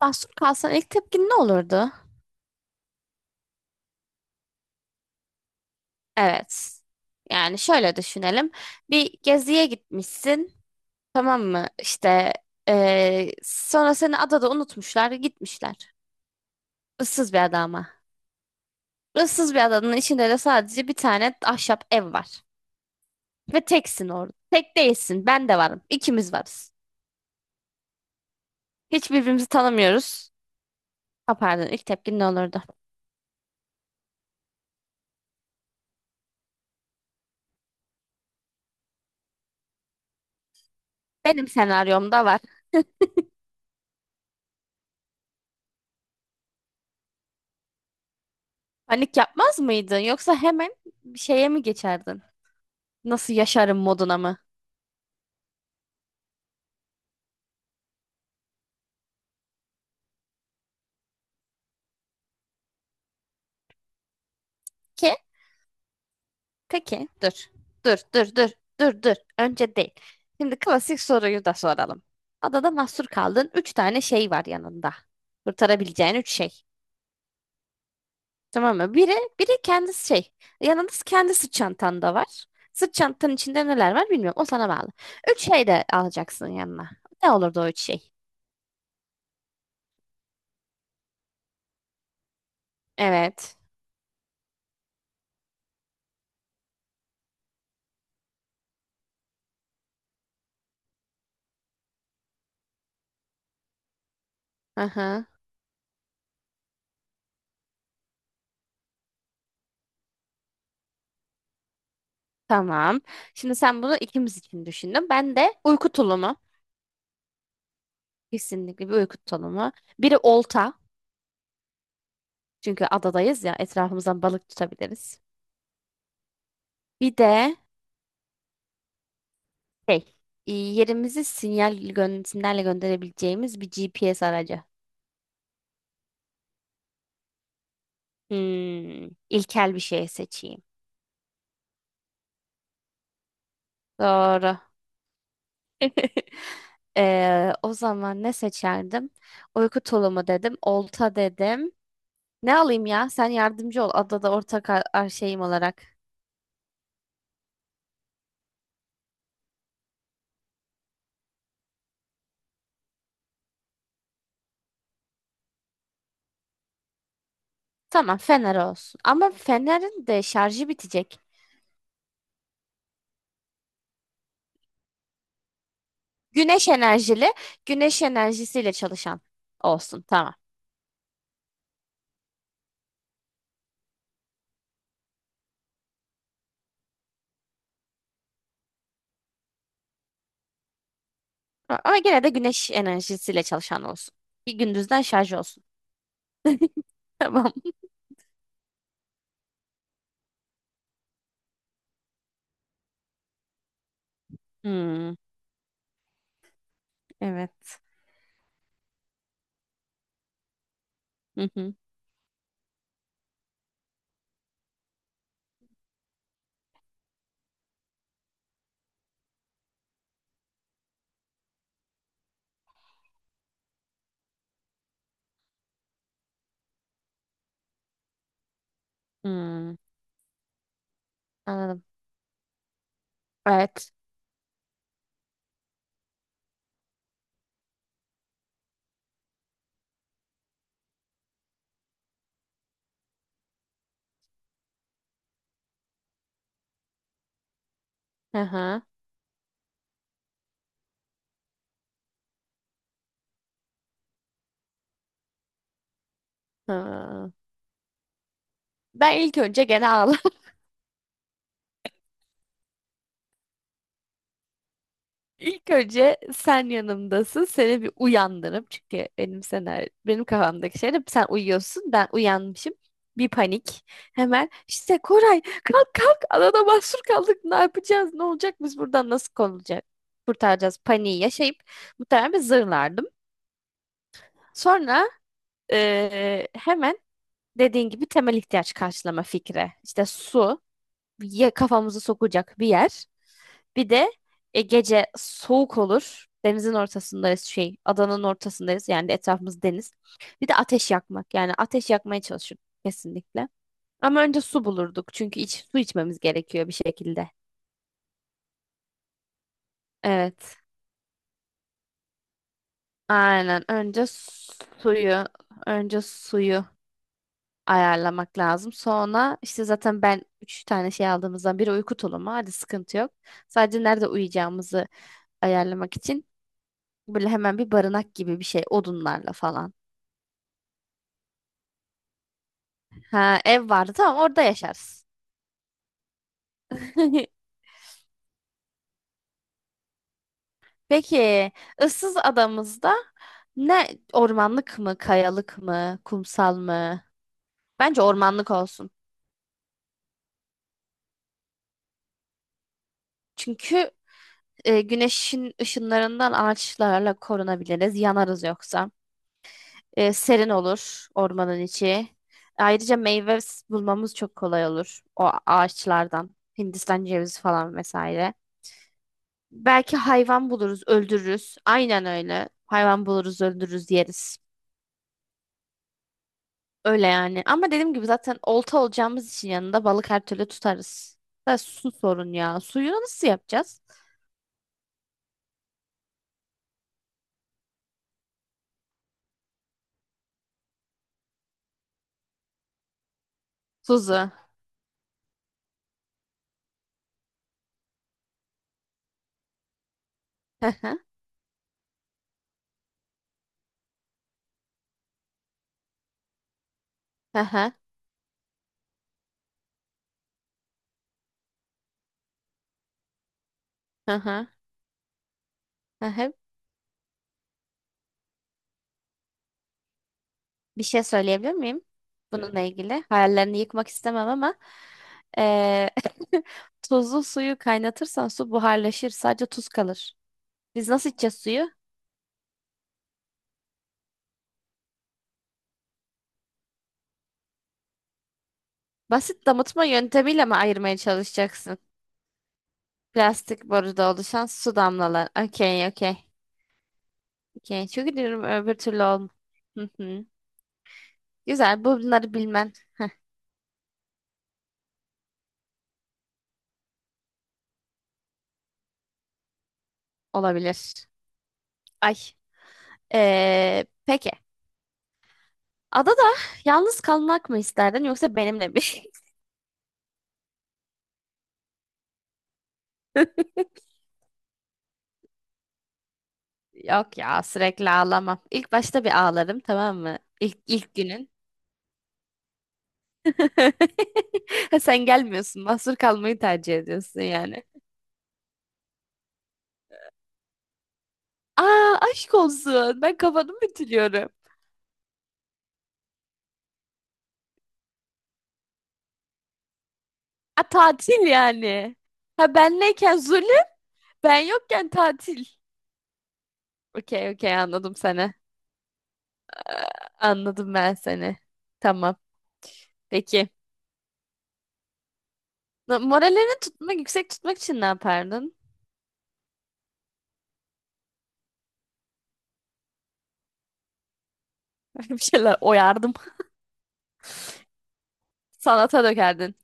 Mahsur kalsan ilk tepkin ne olurdu? Evet. Yani şöyle düşünelim. Bir geziye gitmişsin. Tamam mı? İşte sonra seni adada unutmuşlar, gitmişler. Issız bir ada ama. Issız bir adanın içinde de sadece bir tane ahşap ev var. Ve teksin orada. Tek değilsin. Ben de varım. İkimiz varız. Hiç birbirimizi tanımıyoruz. Ha, pardon, ilk tepkin ne olurdu? Benim senaryomda var. Panik yapmaz mıydın? Yoksa hemen bir şeye mi geçerdin? Nasıl yaşarım moduna mı? Ki, peki dur. Dur dur dur dur. Önce değil. Şimdi klasik soruyu da soralım. Adada mahsur kaldın. Üç tane şey var yanında. Kurtarabileceğin üç şey. Tamam mı? Biri kendisi şey. Yanında kendi sırt çantan da var. Sırt çantanın içinde neler var bilmiyorum. O sana bağlı. Üç şey de alacaksın yanına. Ne olurdu o üç şey? Evet. Aha. Tamam. Şimdi sen bunu ikimiz için düşündün. Ben de uyku tulumu. Kesinlikle bir uyku tulumu. Biri olta. Çünkü adadayız ya etrafımızdan balık tutabiliriz. Bir de şey, yerimizi sinyal gö sinyalle gönderebileceğimiz bir GPS aracı. Hmm, ilkel bir şey seçeyim. Doğru. O zaman ne seçerdim? Uyku tulumu dedim, olta dedim. Ne alayım ya? Sen yardımcı ol adada ortak ar- ar- şeyim olarak. Tamam, fener olsun. Ama fenerin de şarjı bitecek. Güneş enerjili, güneş enerjisiyle çalışan olsun. Tamam. A- Ama gene de güneş enerjisiyle çalışan olsun. Bir gündüzden şarj olsun. Tamam. Hmm, evet. Hı hı. Hmm, anladım. Evet. Hı hı. Hı. Ben ilk önce gene ağlarım. İlk önce sen yanımdasın. Seni bir uyandırıp çünkü benim senaryo, benim kafamdaki şey de sen uyuyorsun. Ben uyanmışım. Bir panik. Hemen işte Koray kalk kalk adada mahsur kaldık. Ne yapacağız? Ne olacak? Biz buradan nasıl konulacak? Kurtaracağız. Paniği yaşayıp muhtemelen bir zırlardım. Sonra hemen dediğin gibi temel ihtiyaç karşılama fikri. İşte su ya kafamızı sokacak bir yer. Bir de gece soğuk olur. Denizin ortasındayız şey, adanın ortasındayız. Yani etrafımız deniz. Bir de ateş yakmak. Yani ateş yakmaya çalışırdık kesinlikle. Ama önce su bulurduk. Çünkü iç, su içmemiz gerekiyor bir şekilde. Evet. Aynen. Suyu, önce suyu ayarlamak lazım. Sonra işte zaten ben üç tane şey aldığımızdan biri uyku tulumu. Hadi sıkıntı yok. Sadece nerede uyuyacağımızı ayarlamak için böyle hemen bir barınak gibi bir şey odunlarla falan. Ha ev vardı tamam orada yaşarız. Peki ıssız adamızda ne ormanlık mı kayalık mı kumsal mı? Bence ormanlık olsun. Çünkü güneşin ışınlarından ağaçlarla korunabiliriz yanarız yoksa. E, serin olur ormanın içi. Ayrıca meyve s- bulmamız çok kolay olur o ağaçlardan. Hindistan cevizi falan vesaire. Belki hayvan buluruz, öldürürüz. Aynen öyle. Hayvan buluruz, öldürürüz, yeriz. Öyle yani. Ama dediğim gibi zaten olta olacağımız için yanında balık her türlü tutarız. Da su sorun ya. Suyu nasıl yapacağız? Tuzu. Hı hı, hı hı, hı hı, hı hı. Bir şey söyleyebilir miyim? Bununla ilgili. Hayallerini yıkmak istemem ama eee tuzlu suyu kaynatırsan su buharlaşır. Sadece tuz kalır. Biz nasıl içeceğiz suyu? Basit damıtma yöntemiyle mi ayırmaya çalışacaksın? Plastik boruda oluşan su damlaları. Okey, okey. Okey. Çünkü diyorum öbür türlü olm. Hı hı. Güzel. Bunları bilmen olabilir. Ay. Peki. Adada yalnız kalmak mı isterdin yoksa benimle mi? Yok ya sürekli ağlamam. İlk başta bir ağlarım tamam mı? İlk günün. Ha, sen gelmiyorsun. Mahsur kalmayı tercih ediyorsun yani. Aa aşk olsun. Ben kafamı bitiriyorum. A, tatil yani. Ha benleyken zulü, ben yokken tatil. Okey okey anladım seni. Anladım ben seni. Tamam. Peki. Na- Moralini tutmak, yüksek tutmak için ne yapardın? Bir şeyler oyardım. Sanata dökerdin.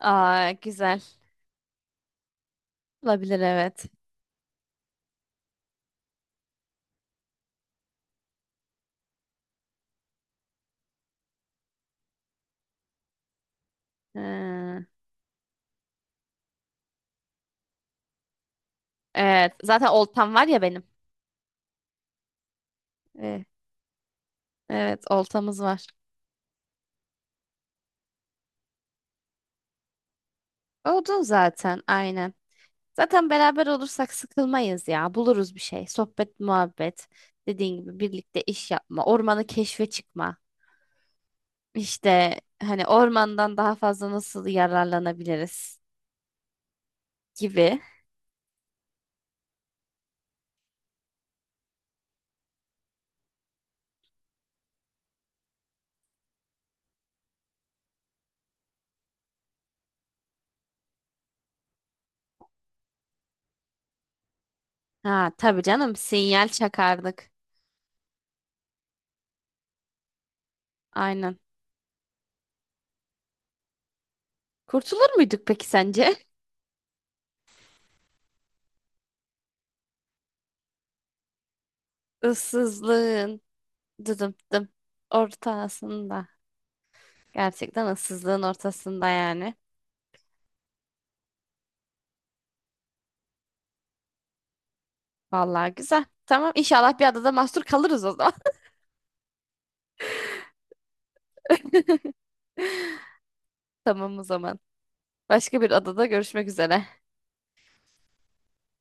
Aa güzel. Olabilir evet. Ha, evet. Zaten oltam var ya benim. Ee, Evet oltamız var. Odun zaten aynen. Zaten beraber olursak sıkılmayız ya. Buluruz bir şey. Sohbet, muhabbet. Dediğin gibi birlikte iş yapma. Ormanı keşfe çıkma. İşte hani ormandan daha fazla nasıl yararlanabiliriz gibi. Ha tabii canım sinyal çakardık. Aynen. Kurtulur muyduk peki sence? Issızlığın dıdım dım ortasında. Gerçekten ıssızlığın ortasında yani. Vallahi güzel. Tamam inşallah bir adada mahsur kalırız o zaman. Tamam o zaman. Başka bir adada görüşmek üzere.